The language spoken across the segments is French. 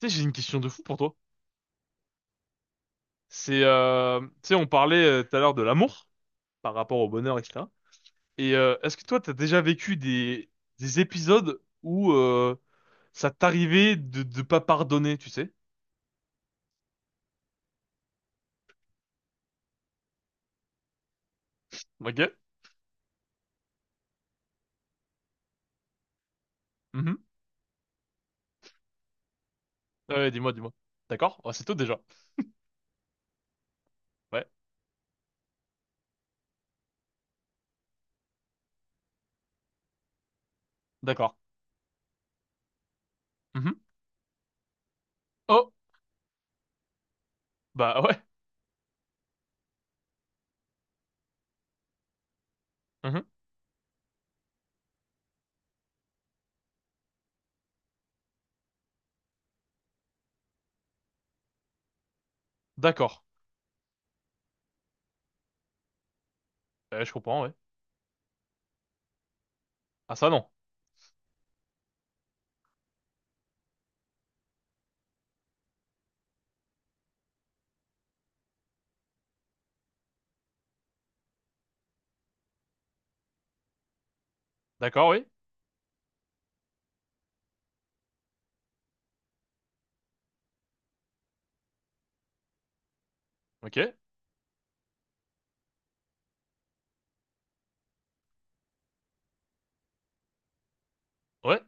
Tu sais, j'ai une question de fou pour toi. C'est, tu sais, on parlait tout à l'heure de l'amour par rapport au bonheur, etc. Et est-ce que toi, t'as déjà vécu des épisodes où ça t'arrivait de pas pardonner, tu sais? Ok. Mhm. Ouais, dis-moi, dis-moi. D'accord. Oh, c'est tout déjà. Ouais. D'accord. Mhm. Oh, bah ouais. Mhm. D'accord. Je comprends, ouais. Ah ça non. D'accord, oui. Ok. Ouais.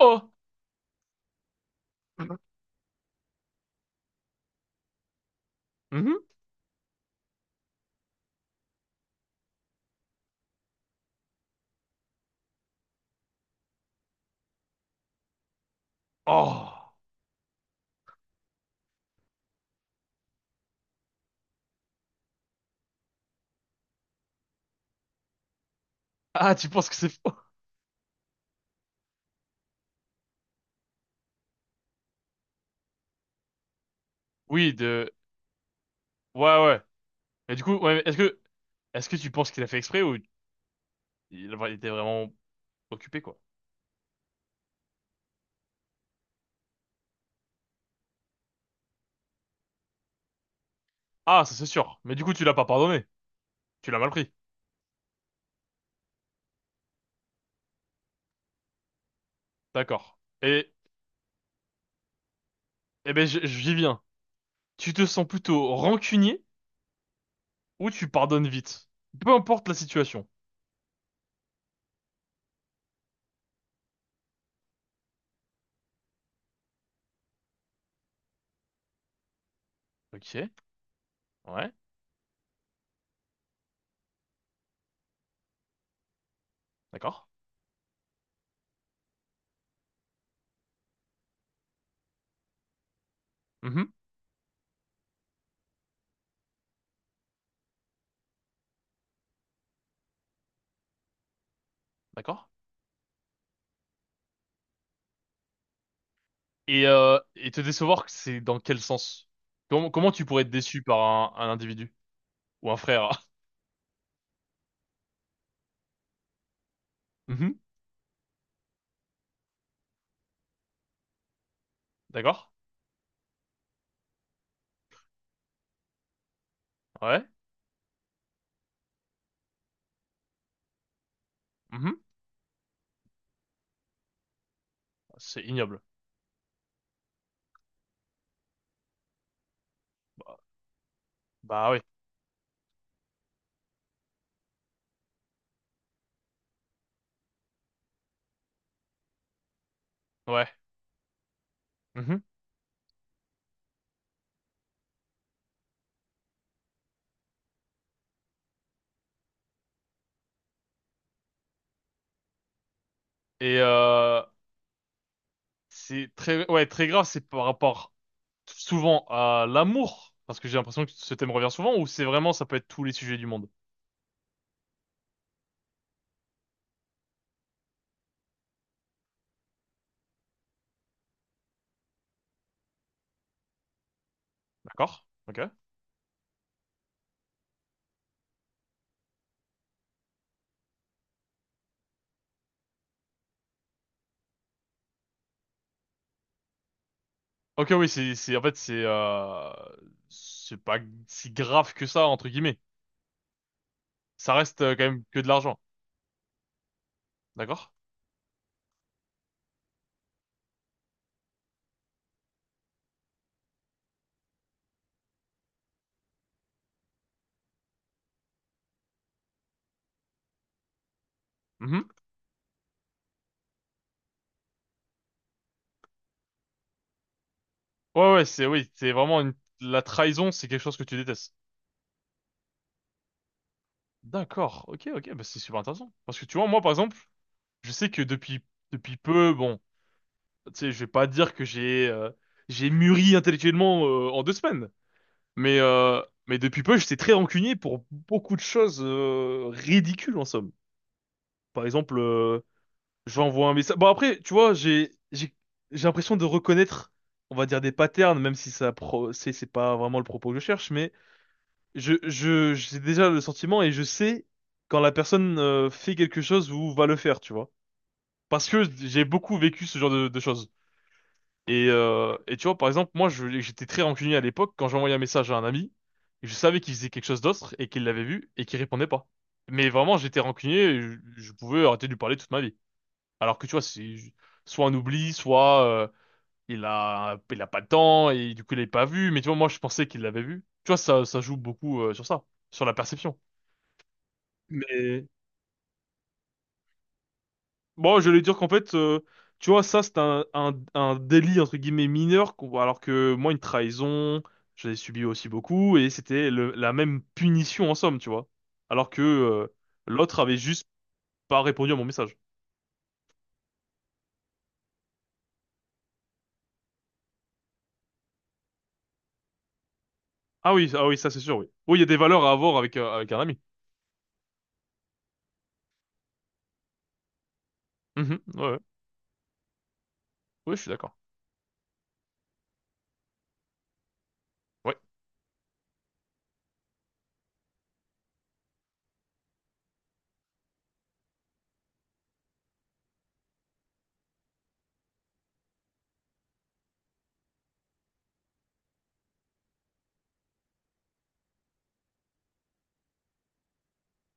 Oh. Mhm. Mhm. Oh. Ah, tu penses que c'est faux? Oui, de. Ouais, ouais. Mais du coup, mais est-ce que tu penses qu'il a fait exprès ou il était vraiment occupé, quoi? Ah, ça c'est sûr. Mais du coup, tu l'as pas pardonné. Tu l'as mal pris. D'accord. Et, eh ben, j- j'y viens. Tu te sens plutôt rancunier ou tu pardonnes vite? Peu importe la situation. Ok. Ouais. D'accord. Mhm. D'accord. Et te décevoir, c'est dans quel sens? Comment, comment tu pourrais être déçu par un individu? Ou un frère? Mhm. D'accord. Ouais. Mhm. C'est ignoble. Bah, bah oui. Ouais. Mhm. Et c'est très, ouais, très grave, c'est par rapport souvent à l'amour, parce que j'ai l'impression que ce thème revient souvent, ou c'est vraiment, ça peut être tous les sujets du monde. D'accord? Ok. Ok, oui, en fait, c'est pas si grave que ça, entre guillemets. Ça reste quand même que de l'argent. D'accord? Mhm. Ouais, ouais, oui, c'est vraiment la trahison, c'est quelque chose que tu détestes. D'accord. Ok, ok, bah c'est super intéressant. Parce que tu vois, moi, par exemple, je sais que depuis peu, bon. Tu sais, je vais pas dire que j'ai mûri intellectuellement en deux semaines, mais euh, mais depuis peu, j'étais très rancunier pour beaucoup de choses ridicules en somme. Par exemple, j'envoie un message. Bon après, tu vois, j'ai l'impression de reconnaître, on va dire des patterns, même si ça pro c'est pas vraiment le propos que je cherche, mais je j'ai déjà le sentiment et je sais quand la personne fait quelque chose ou va le faire, tu vois. Parce que j'ai beaucoup vécu ce genre de choses. Et tu vois, par exemple, j'étais très rancunier à l'époque quand j'envoyais un message à un ami. Je savais qu'il faisait quelque chose d'autre et qu'il l'avait vu et qu'il répondait pas. Mais vraiment, j'étais rancunier et je pouvais arrêter de lui parler toute ma vie. Alors que tu vois, c'est soit un oubli, soit il a pas le temps et du coup, il l'avait pas vu. Mais tu vois, moi, je pensais qu'il l'avait vu. Tu vois, ça joue beaucoup sur ça, sur la perception. Mais bon, je voulais dire qu'en fait, tu vois, ça, c'est un délit, entre guillemets, mineur, qu'on- alors que moi, une trahison, je l'ai subi aussi beaucoup, et c'était le- la même punition en somme, tu vois. Alors que l'autre avait juste pas répondu à mon message. Ah oui, ah oui, ça c'est sûr, oui. Oui, il y a des valeurs à avoir avec, avec un ami. Mhm, ouais, ouais, ouais, oui, je suis d'accord. Ouais,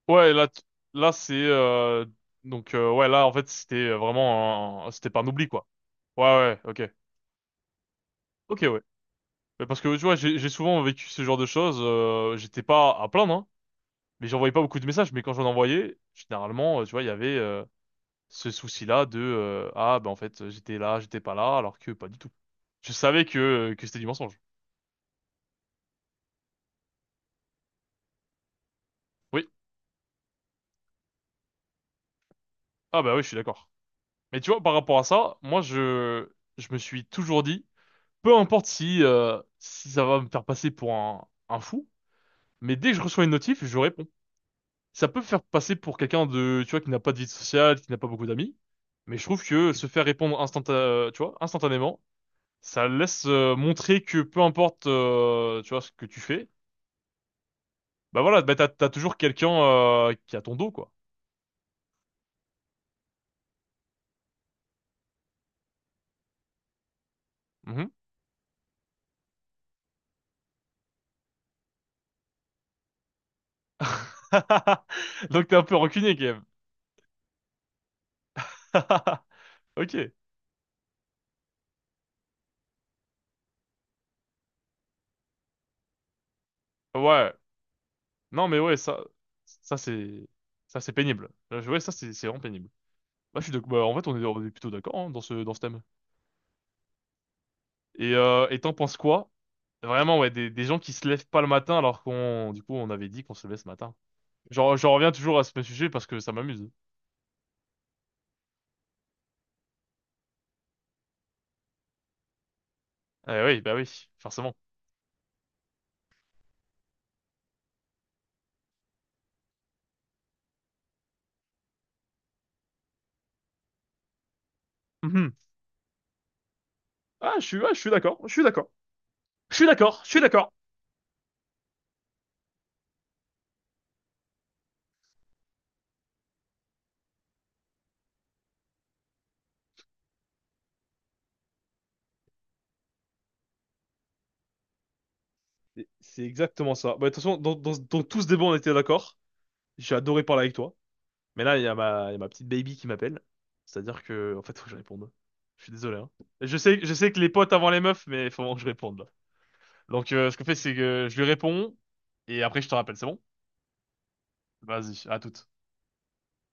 ouais, là, t- là c'est... ouais, là, en fait, c'était vraiment... un- C'était pas un oubli, quoi. Ouais, ouais, ok. Ok, ouais. Mais parce que tu vois, j'ai souvent vécu ce genre de choses. J'étais pas à plaindre, hein, mais j'envoyais pas beaucoup de messages. Mais quand j'en envoyais, généralement, tu vois, il y avait ce souci-là de ah bah en fait j'étais là, j'étais pas là, alors que pas du tout. Je savais que c'était du mensonge. Oui. Ah bah oui, je suis d'accord. Mais tu vois, par rapport à ça, moi je me suis toujours dit, peu importe si si ça va me faire passer pour un fou, mais dès que je reçois une notif, je réponds. Ça peut faire passer pour quelqu'un de, tu vois, qui n'a pas de vie sociale, qui n'a pas beaucoup d'amis. Mais je trouve que se faire répondre tu vois, instantanément, ça laisse montrer que peu importe, tu vois, ce que tu fais, bah voilà, bah t'as toujours quelqu'un qui a ton dos, quoi. Mhm. Donc t'es un peu rancunier quand même. Ok. Ouais. Non mais ouais, ça, ça c'est, ça c'est pénible. Ouais, ça c'est vraiment pénible. Bah, je suis d'accord. Bah, en fait, on est plutôt d'accord hein, dans ce thème. Et t'en penses quoi? Vraiment, ouais, des gens qui se lèvent pas le matin alors qu'on, du coup, on avait dit qu'on se levait ce matin. Genre, je reviens toujours à ce sujet parce que ça m'amuse. Eh oui, bah oui, forcément. Mhm. Ah, je suis, ouais, je suis d'accord, je suis d'accord. Je suis d'accord, je suis d'accord. C'est exactement ça. Bah, de toute façon, dans tout ce débat, on était d'accord. J'ai adoré parler avec toi. Mais là, il y a il y a ma petite baby qui m'appelle. C'est-à-dire que, en fait, faut que je réponde. Je suis désolé, hein. Je sais que les potes avant les meufs, mais il faut vraiment que je réponde, là. Donc, ce qu'on fait, c'est que je lui réponds et après, je te rappelle, c'est bon? Vas-y, à toute